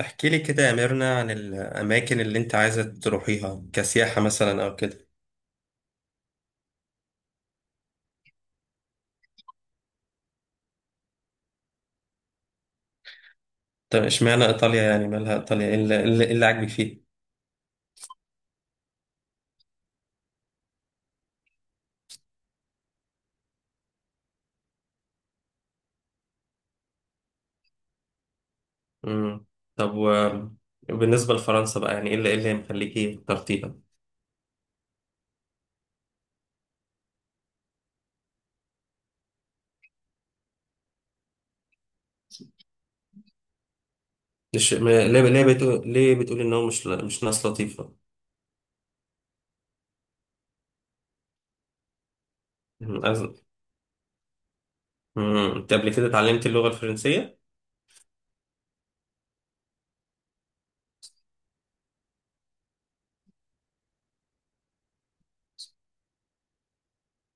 احكي لي كده يا ميرنا عن الأماكن اللي أنت عايزة تروحيها كسياحة مثلا أو كده. طب اشمعنى إيطاليا يعني مالها إيطاليا إيه اللي عاجبك فيه؟ مم. طب و- وبالنسبة لفرنسا بقى يعني إيه اللي مخليكي اخترتيها؟ مش م- ليه ليه بتقول ليه بتقولي إن هو مش ناس لطيفة؟ مم. مم. أنت قبل كده اتعلمتي اللغة الفرنسية؟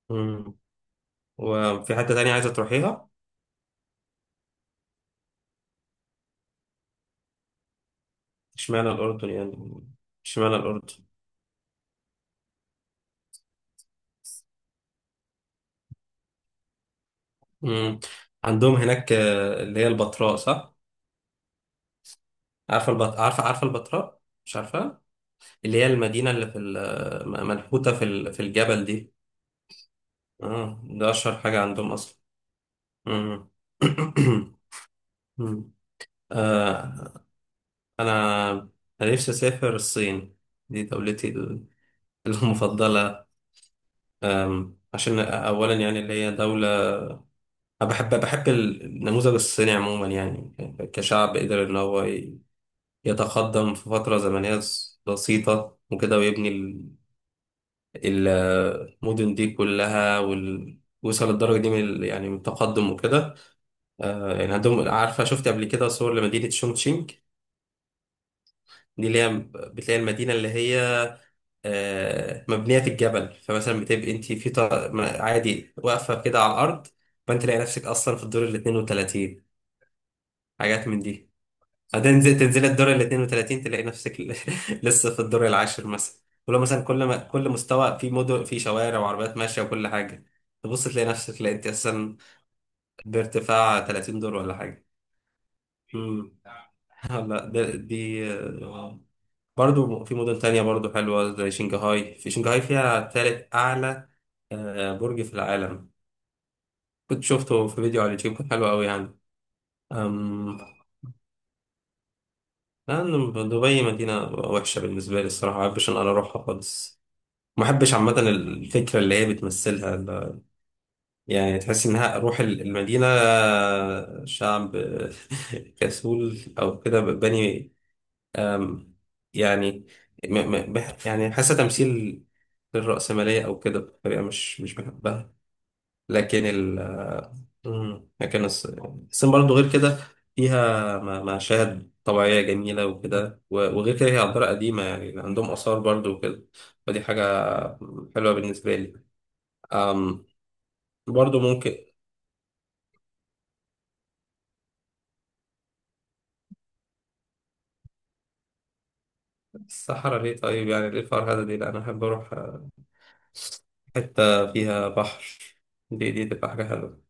مم. وفي حتة تانية عايزة تروحيها؟ اشمعنى الأردن يعني؟ اشمعنى الأردن؟ مم. عندهم هناك اللي هي البتراء صح؟ عارفه البتراء مش عارفه. اللي هي المدينه اللي منحوته في الجبل دي. اه ده اشهر حاجه عندهم اصلا. مم. مم. آه انا انا نفسي اسافر الصين. دي دولتي. المفضله. عشان اولا يعني اللي هي دوله. أنا بحب النموذج الصيني عموما يعني كشعب قدر ان هو يتقدم في فتره زمنيه بسيطه وكده ويبني المدن دي كلها وصل الدرجة دي يعني من التقدم وكده. يعني عندهم، عارفة، شفت قبل كده صور لمدينة شونغشينج؟ دي اللي هي بتلاقي المدينة اللي هي مبنية في الجبل، فمثلا بتبقي انت عادي واقفة كده على الأرض، فانت تلاقي نفسك أصلا في الدور ال 32. حاجات من دي. تنزل الدور ال 32 تلاقي نفسك لسه في الدور العاشر مثلا. ولو مثلا كل ما كل مستوى في مدن في شوارع وعربيات ماشيه وكل حاجه، تبص تلاقي نفسك، لا انت اساسا بارتفاع 30 دور ولا حاجه. امم آه، لا ده دي آه، برضو في مدن تانية برضو حلوة زي شنغهاي. في شنغهاي فيها تالت أعلى برج في العالم، كنت شفته في فيديو على اليوتيوب كان حلو قوي يعني. أم... لأن دبي مدينة وحشة بالنسبة لي الصراحة، ما بحبش إن أنا أروحها خالص. ما بحبش عامة الفكرة اللي هي بتمثلها. يعني تحس إنها روح المدينة. شعب كسول أو كده بني. أم، يعني يعني حاسة تمثيل للرأسمالية أو كده بطريقة مش بحبها. لكن ال مم، لكن الص- الصين برضه غير كده، فيها مشاهد طبيعية جميلة وكده وغير كده هي عبارة قديمة، يعني عندهم آثار برضه وكده، فدي حاجة حلوة بالنسبة لي. أم برضه ممكن. الصحراء ليه طيب؟ يعني ليه الفرهدة دي؟ لا أنا أحب أروح حتة فيها بحر، دي تبقى حاجة حلوة.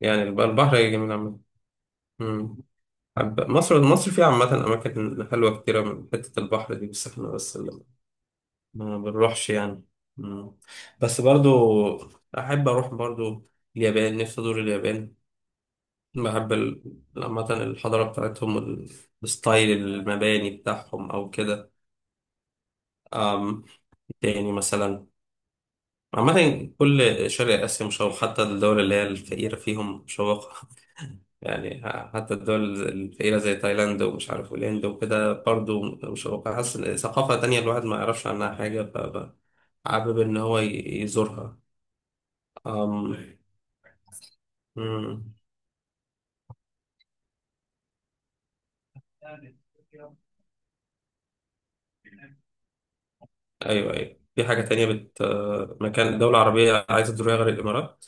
يعني البحر جميل عامة. أمم. مصر فيها عامة أماكن حلوة كتيرة من حتة البحر دي، بس إحنا بس اللي ما بنروحش يعني. أمم. بس برضو أحب أروح برضو اليابان، نفسي أزور اليابان. بحب ال- عامة الحضارة بتاعتهم الستايل، المباني بتاعهم أو كده. أم، تاني مثلا، عامة كل شرق آسيا مشوق، حتى الدول اللي هي الفقيرة فيهم مشوقة. يعني حتى الدول الفقيرة زي تايلاند ومش عارف والهند وكده برضه مشوقة، حاسس إن ثقافة تانية الواحد ما يعرفش عنها حاجة، فحابب إن هو يزورها. أم... مم. أيوه أيوه، في حاجة تانية مكان، دولة عربية عايزة تزورها غير الإمارات؟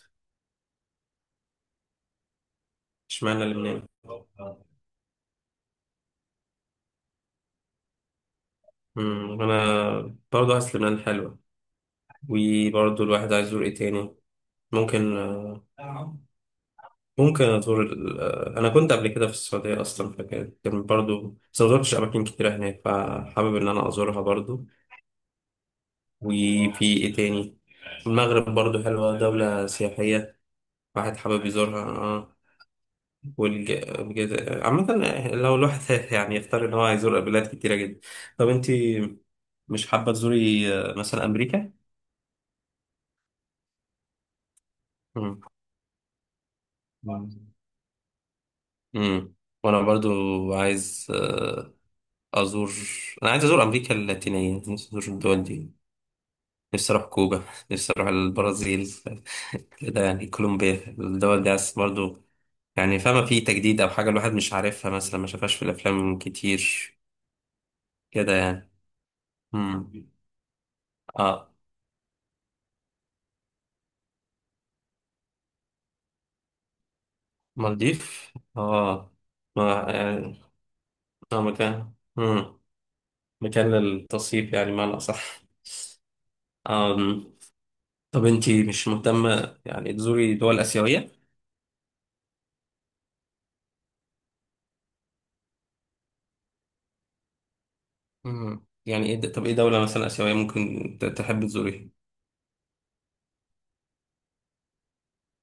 اشمعنى لبنان؟ مم، أنا برضه حاسس لبنان حلوة. وبرضه الواحد عايز يزور إيه تاني؟ ممكن آه، ممكن أزور أنا كنت قبل كده في السعودية أصلا، كان برضو، بس ما زرتش أماكن كتيرة هناك، فحابب إن أنا أزورها برضو. وفي إيه تاني؟ المغرب برضو حلوة، دولة سياحية، واحد حابب يزورها. عامة لو الواحد يعني يختار إن هو هيزور بلاد كتيرة جدا. طب أنت مش حابة تزوري مثلا أمريكا؟ مم. امم وانا برضو عايز آه، ازور انا عايز ازور امريكا اللاتينيه، نفسي ازور الدول دي، نفسي أروح كوبا، نفسي أروح البرازيل، كده يعني كولومبيا، الدول دي عايز برضو، يعني فاهمة، في تجديد أو حاجة الواحد مش عارفها، مثلا ما شافهاش في الأفلام كتير كده يعني. مم. آه مالديف. ما يعني مكان. للتصيف يعني، معنى أصح. آم. طب أنتي مش مهتمة يعني تزوري دول آسيوية؟ مم. يعني إيه طب إيه دولة مثلا آسيوية ممكن تحب تزوريها؟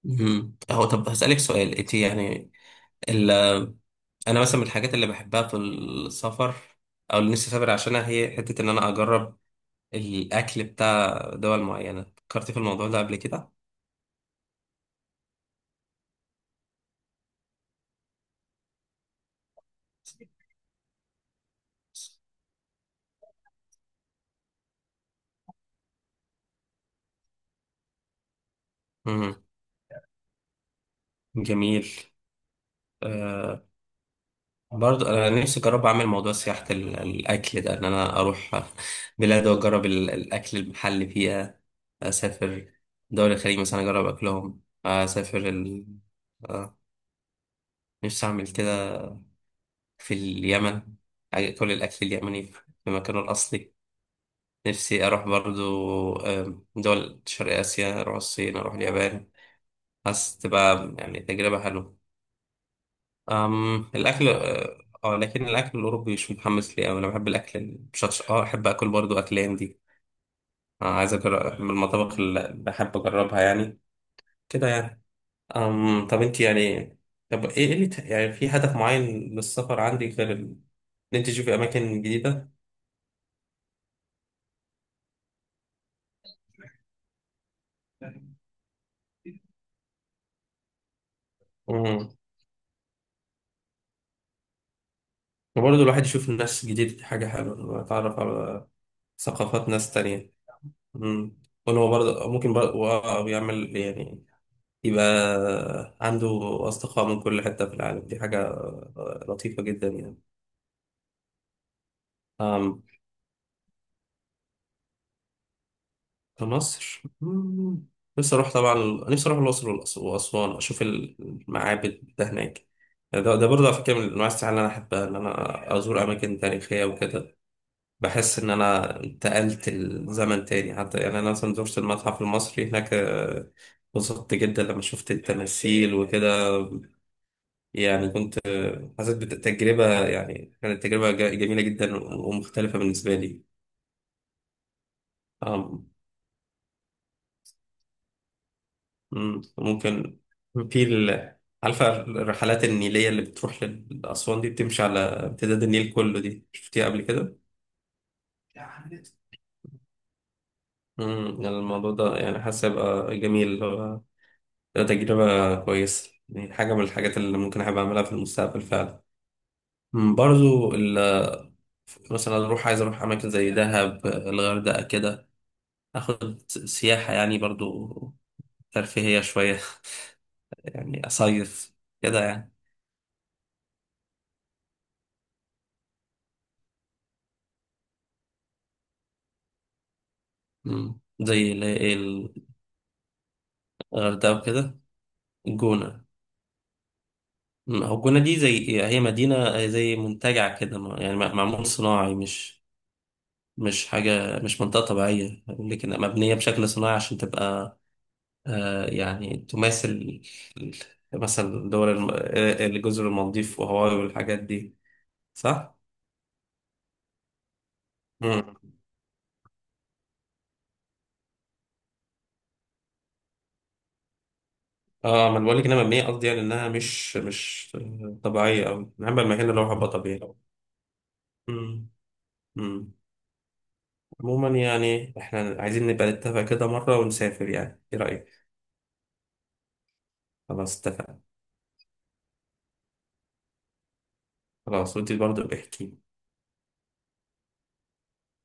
مم. هو طب هسألك سؤال، انت يعني ال... انا مثلا من الحاجات اللي بحبها في السفر او اللي نفسي اسافر عشانها، هي حتة ان انا اجرب الاكل بتاع دول معينة. فكرتي في الموضوع ده قبل كده؟ مم. جميل. برضه انا نفسي اجرب اعمل موضوع سياحة الاكل ده، ان انا اروح بلاد واجرب الاكل المحلي فيها. اسافر دول الخليج مثلا اجرب اكلهم، اسافر آه، نفسي اعمل كده في اليمن، كل الأكل اليمني في مكانه الأصلي. نفسي أروح برضو دول شرق آسيا، أروح الصين، أروح اليابان، حاسس تبقى يعني تجربة حلوة. أم الأكل آه لكن الأكل الأوروبي مش متحمس ليه أوي، أنا بحب الأكل المشطشط، أحب أكل برضو، أكل هندي، عايز أجرب من المطابخ اللي بحب أجربها يعني كده يعني. طب أنت يعني، طب إيه اللي يعني في هدف معين للسفر عندك غير إن أنت تشوفي أماكن جديدة؟ وبرضه الواحد يشوف ناس جديدة، دي حاجة حلوة، يتعرف على ثقافات ناس تانية. مم. وأنا برضه، ممكن برضه بيعمل يعني، يبقى عنده أصدقاء من كل حتة في العالم، دي حاجة لطيفة جدا يعني. أم، كمصر. نفسي أروح طبعا، نفسي أروح الأقصر وأسوان أشوف المعابد ده هناك. يعني ده برضه على فكرة من أنواع السياحة اللي أنا أحبها، إن أنا أزور أماكن تاريخية وكده. بحس ان انا انتقلت الزمن تاني، حتى يعني انا مثلا زرت المتحف المصري هناك، انبسطت جدا لما شفت التماثيل وكده. يعني كنت، حسيت بالتجربة، يعني كانت تجربة جميلة جدا ومختلفة بالنسبة لي. آم، مم، ممكن في ال- عارفة الرحلات النيلية اللي بتروح لأسوان دي، بتمشي على امتداد النيل كله، دي شفتيها قبل كده؟ مم، يعني الموضوع ده يعني حاسس هيبقى جميل، ده تجربة كويسة، يعني حاجة من الحاجات اللي ممكن أحب أعملها في المستقبل فعلا. مم، برضو مثلا عايز أروح أماكن زي دهب، الغردقة كده، أخد سياحة يعني برضو ترفيهية شوية، يعني أصيف كده يعني. مم، زي اللي هي الغردقة وكده. الجونة. مم، هو الجونة دي زي، هي مدينة زي منتجع كده، يعني معمول صناعي، مش منطقة طبيعية، لكن مبنية بشكل صناعي عشان تبقى يعني تماثل مثلا دول الجزر المالديف وهاواي والحاجات دي، صح؟ مم. اه ما انا بقول لك انها مبنيه قصدي، يعني انها مش طبيعيه قوي، انا بحب المكان اللي هو هيبقى طبيعي. مم. مم. عموما يعني احنا عايزين نبقى نتفق كده مره ونسافر، يعني ايه رايك؟ خلاص اتفقنا. خلاص، وانت برضه بحكي.